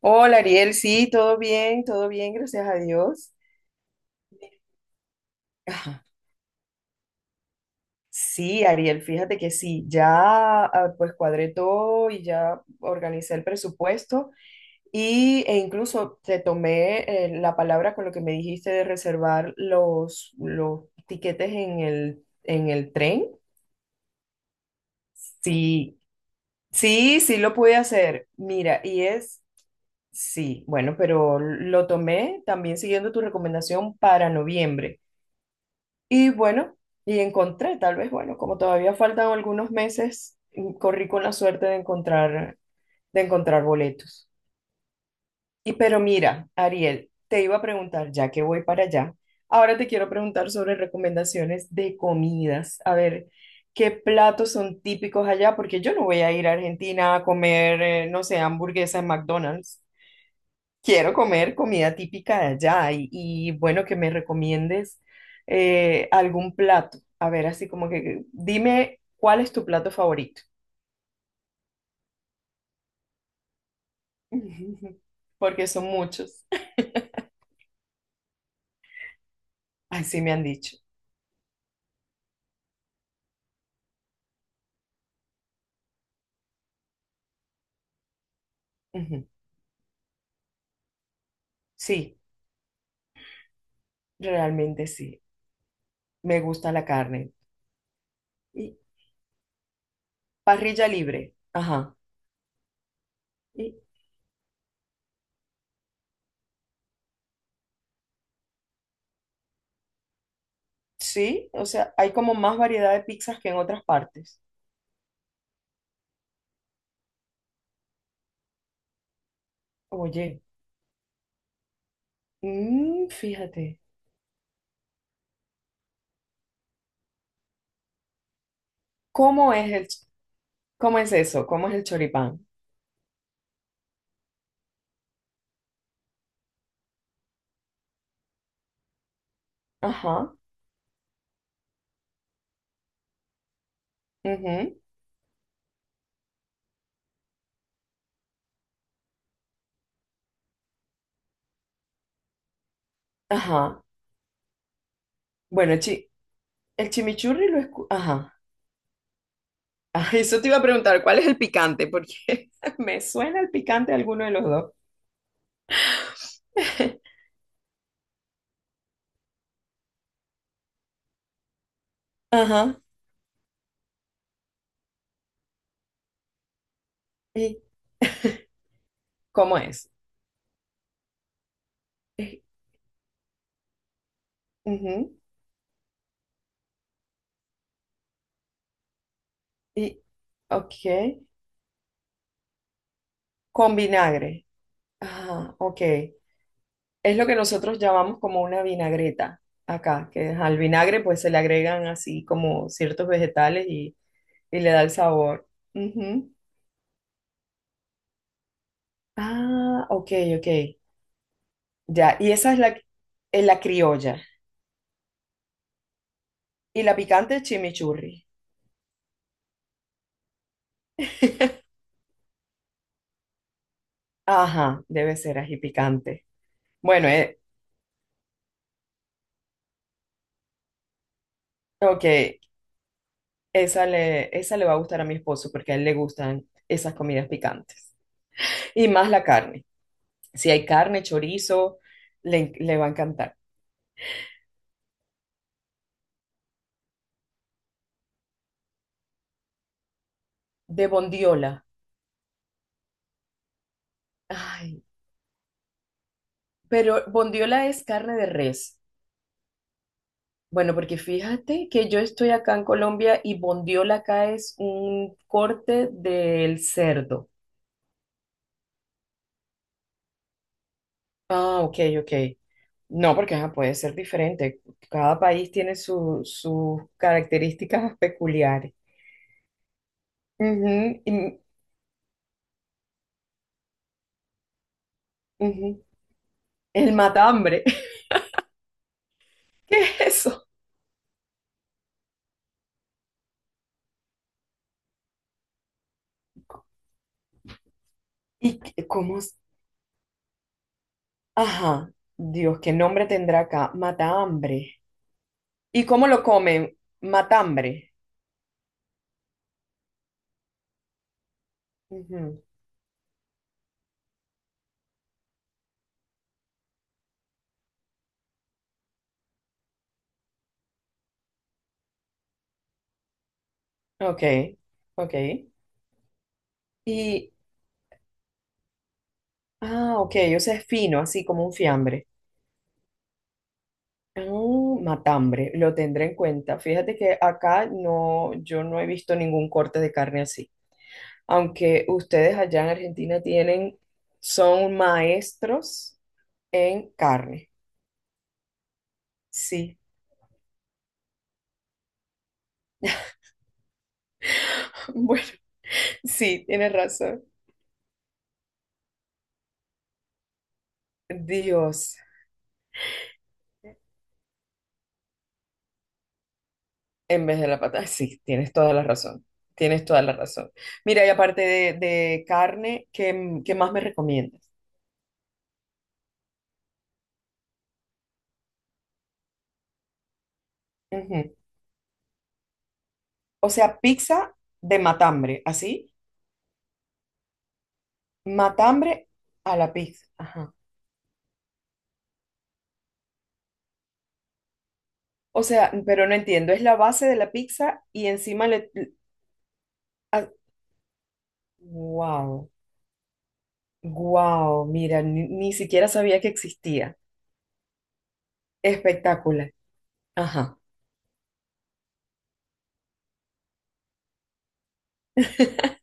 Hola Ariel, sí, todo bien, gracias a Dios. Ajá. Sí, Ariel, fíjate que sí, ya pues cuadré todo y ya organicé el presupuesto y, e incluso te tomé la palabra con lo que me dijiste de reservar los tiquetes en el tren. Sí, sí lo pude hacer. Mira, sí, bueno, pero lo tomé también siguiendo tu recomendación para noviembre. Y bueno, y encontré, tal vez, bueno, como todavía faltan algunos meses, corrí con la suerte de encontrar boletos. Y pero mira, Ariel, te iba a preguntar, ya que voy para allá, ahora te quiero preguntar sobre recomendaciones de comidas. A ver, ¿qué platos son típicos allá? Porque yo no voy a ir a Argentina a comer, no sé, hamburguesa en McDonald's. Quiero comer comida típica de allá bueno, que me recomiendes algún plato. A ver, así como que dime cuál es tu plato favorito. Porque son muchos. Así me han dicho. Ujú. Sí, realmente sí. Me gusta la carne. Y parrilla libre. Ajá. Y sí, o sea, hay como más variedad de pizzas que en otras partes. Oye, fíjate. ¿Cómo es el, ch- ¿Cómo es eso? ¿Cómo es el choripán? Ajá, ujú, ajá. Bueno, chi- el Ajá. Ah, eso te iba a preguntar, ¿cuál es el picante? Porque me suena el picante a alguno de los dos. Ajá. ¿Y cómo es? Eh, ujú. Y, ok. Con vinagre. Ajá, ok. Es lo que nosotros llamamos como una vinagreta acá, que al vinagre pues se le agregan así como ciertos vegetales y le da el sabor. Ujú. Ah, ok. Ya, es la criolla. Y la picante es chimichurri. Ajá, debe ser ají picante. Bueno, ok, esa le va a gustar a mi esposo porque a él le gustan esas comidas picantes. Y más la carne. Si hay carne, chorizo, le va a encantar. De bondiola. Ay, pero bondiola es carne de res. Bueno, porque fíjate que yo estoy acá en Colombia y bondiola acá es un corte del cerdo. Ah, ok. No, porque ajá, puede ser diferente. Cada país tiene su- sus características peculiares. Ujú, y- ujú. El matambre. ¿Qué es eso? ¿Y qué- cómo es? Ajá. Dios, ¿qué nombre tendrá acá? Matambre. ¿Y cómo lo comen? Matambre. Ujú. Ok, ok. Y, ah, ok, o sea, es fino, así como un fiambre. Ah, matambre, lo tendré en cuenta. Fíjate que acá no, yo no he visto ningún corte de carne así. Aunque ustedes allá en Argentina tienen, son maestros en carne. Sí, bueno, sí, tienes razón. Dios, en vez de la pata, sí, tienes toda la razón. Tienes toda la razón. Mira, y aparte de carne, ¿qué más me recomiendas? O sea, pizza de matambre, así. Matambre a la pizza. Ajá. O sea, pero no entiendo. Es la base de la pizza y encima le... Wow, wow. Mira, ni siquiera sabía que existía. Espectacular. Ajá.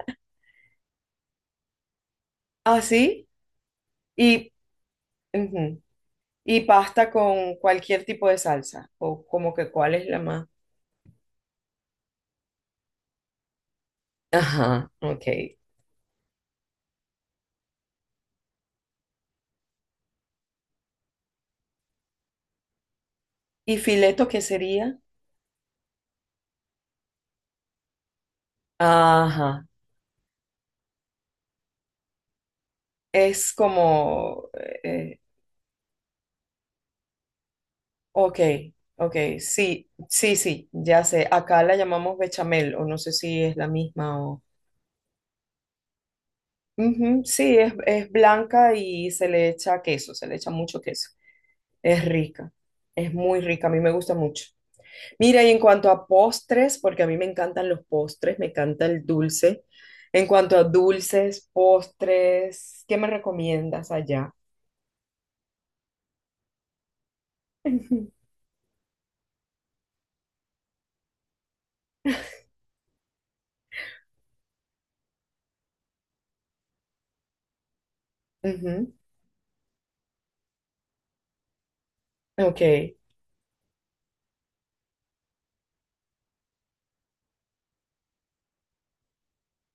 Así y, ujú, y pasta con cualquier tipo de salsa. O como que cuál es la más. Ajá, ok. ¿Y fileto qué sería? Ajá. Es como... eh, ok, ok, sí, ya sé. Acá la llamamos bechamel, o no sé si es la misma o... Ujú, sí, es blanca y se le echa queso, se le echa mucho queso. Es rica, es muy rica, a mí me gusta mucho. Mira, y en cuanto a postres, porque a mí me encantan los postres, me encanta el dulce. En cuanto a dulces, postres, ¿qué me recomiendas allá? Ujú. Ok,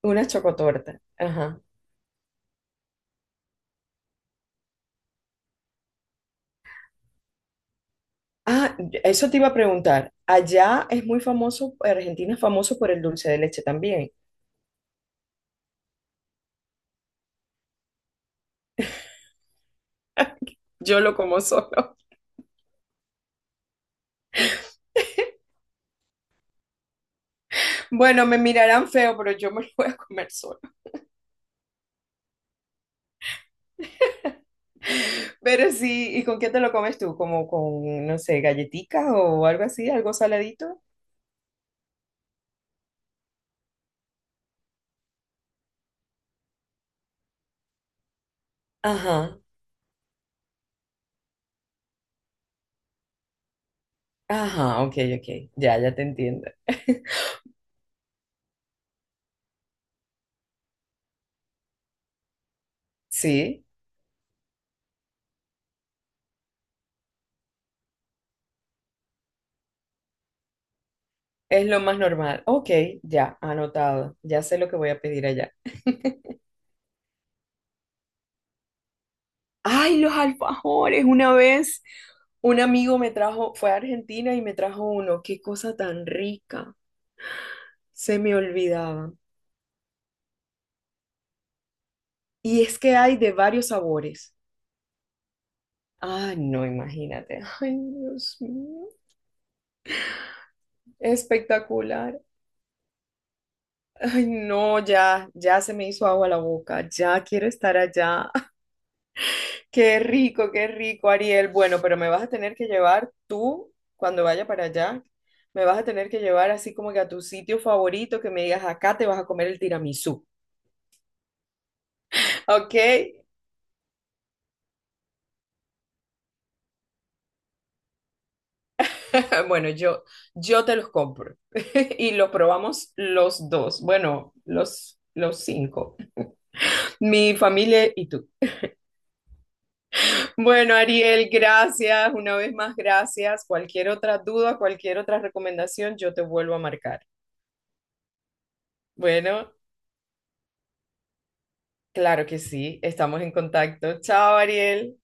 una chocotorta. Ajá. Ah, eso te iba a preguntar. Allá es muy famoso, Argentina es famoso por el dulce de leche también. Yo lo como solo. Bueno, me mirarán feo, pero yo me lo voy a comer solo. Pero sí, ¿y con qué te lo comes tú? ¿Como con, no sé, galletitas o algo así, algo saladito? Ajá, ajá, ok, ok, ya, ya te entiendo. Sí, es lo más normal. Ok, ya, anotado, ya sé lo que voy a pedir allá. Ay, los alfajores. Una vez un amigo me trajo, fue a Argentina y me trajo uno. Qué cosa tan rica. Se me olvidaba. Y es que hay de varios sabores. Ah, no, imagínate. Ay, Dios mío. Espectacular. Ay, no, ya, ya se me hizo agua la boca. Ya quiero estar allá. Qué rico, Ariel. Bueno, pero me vas a tener que llevar tú, cuando vaya para allá, me vas a tener que llevar así como que a tu sitio favorito, que me digas, acá te vas a comer el tiramisú. ¿Ok? Bueno, yo te los compro y los probamos los dos. Bueno, los cinco. Mi familia y tú. Bueno, Ariel, gracias. Una vez más, gracias. Cualquier otra duda, cualquier otra recomendación, yo te vuelvo a marcar. Bueno. Claro que sí, estamos en contacto. Chao, Ariel.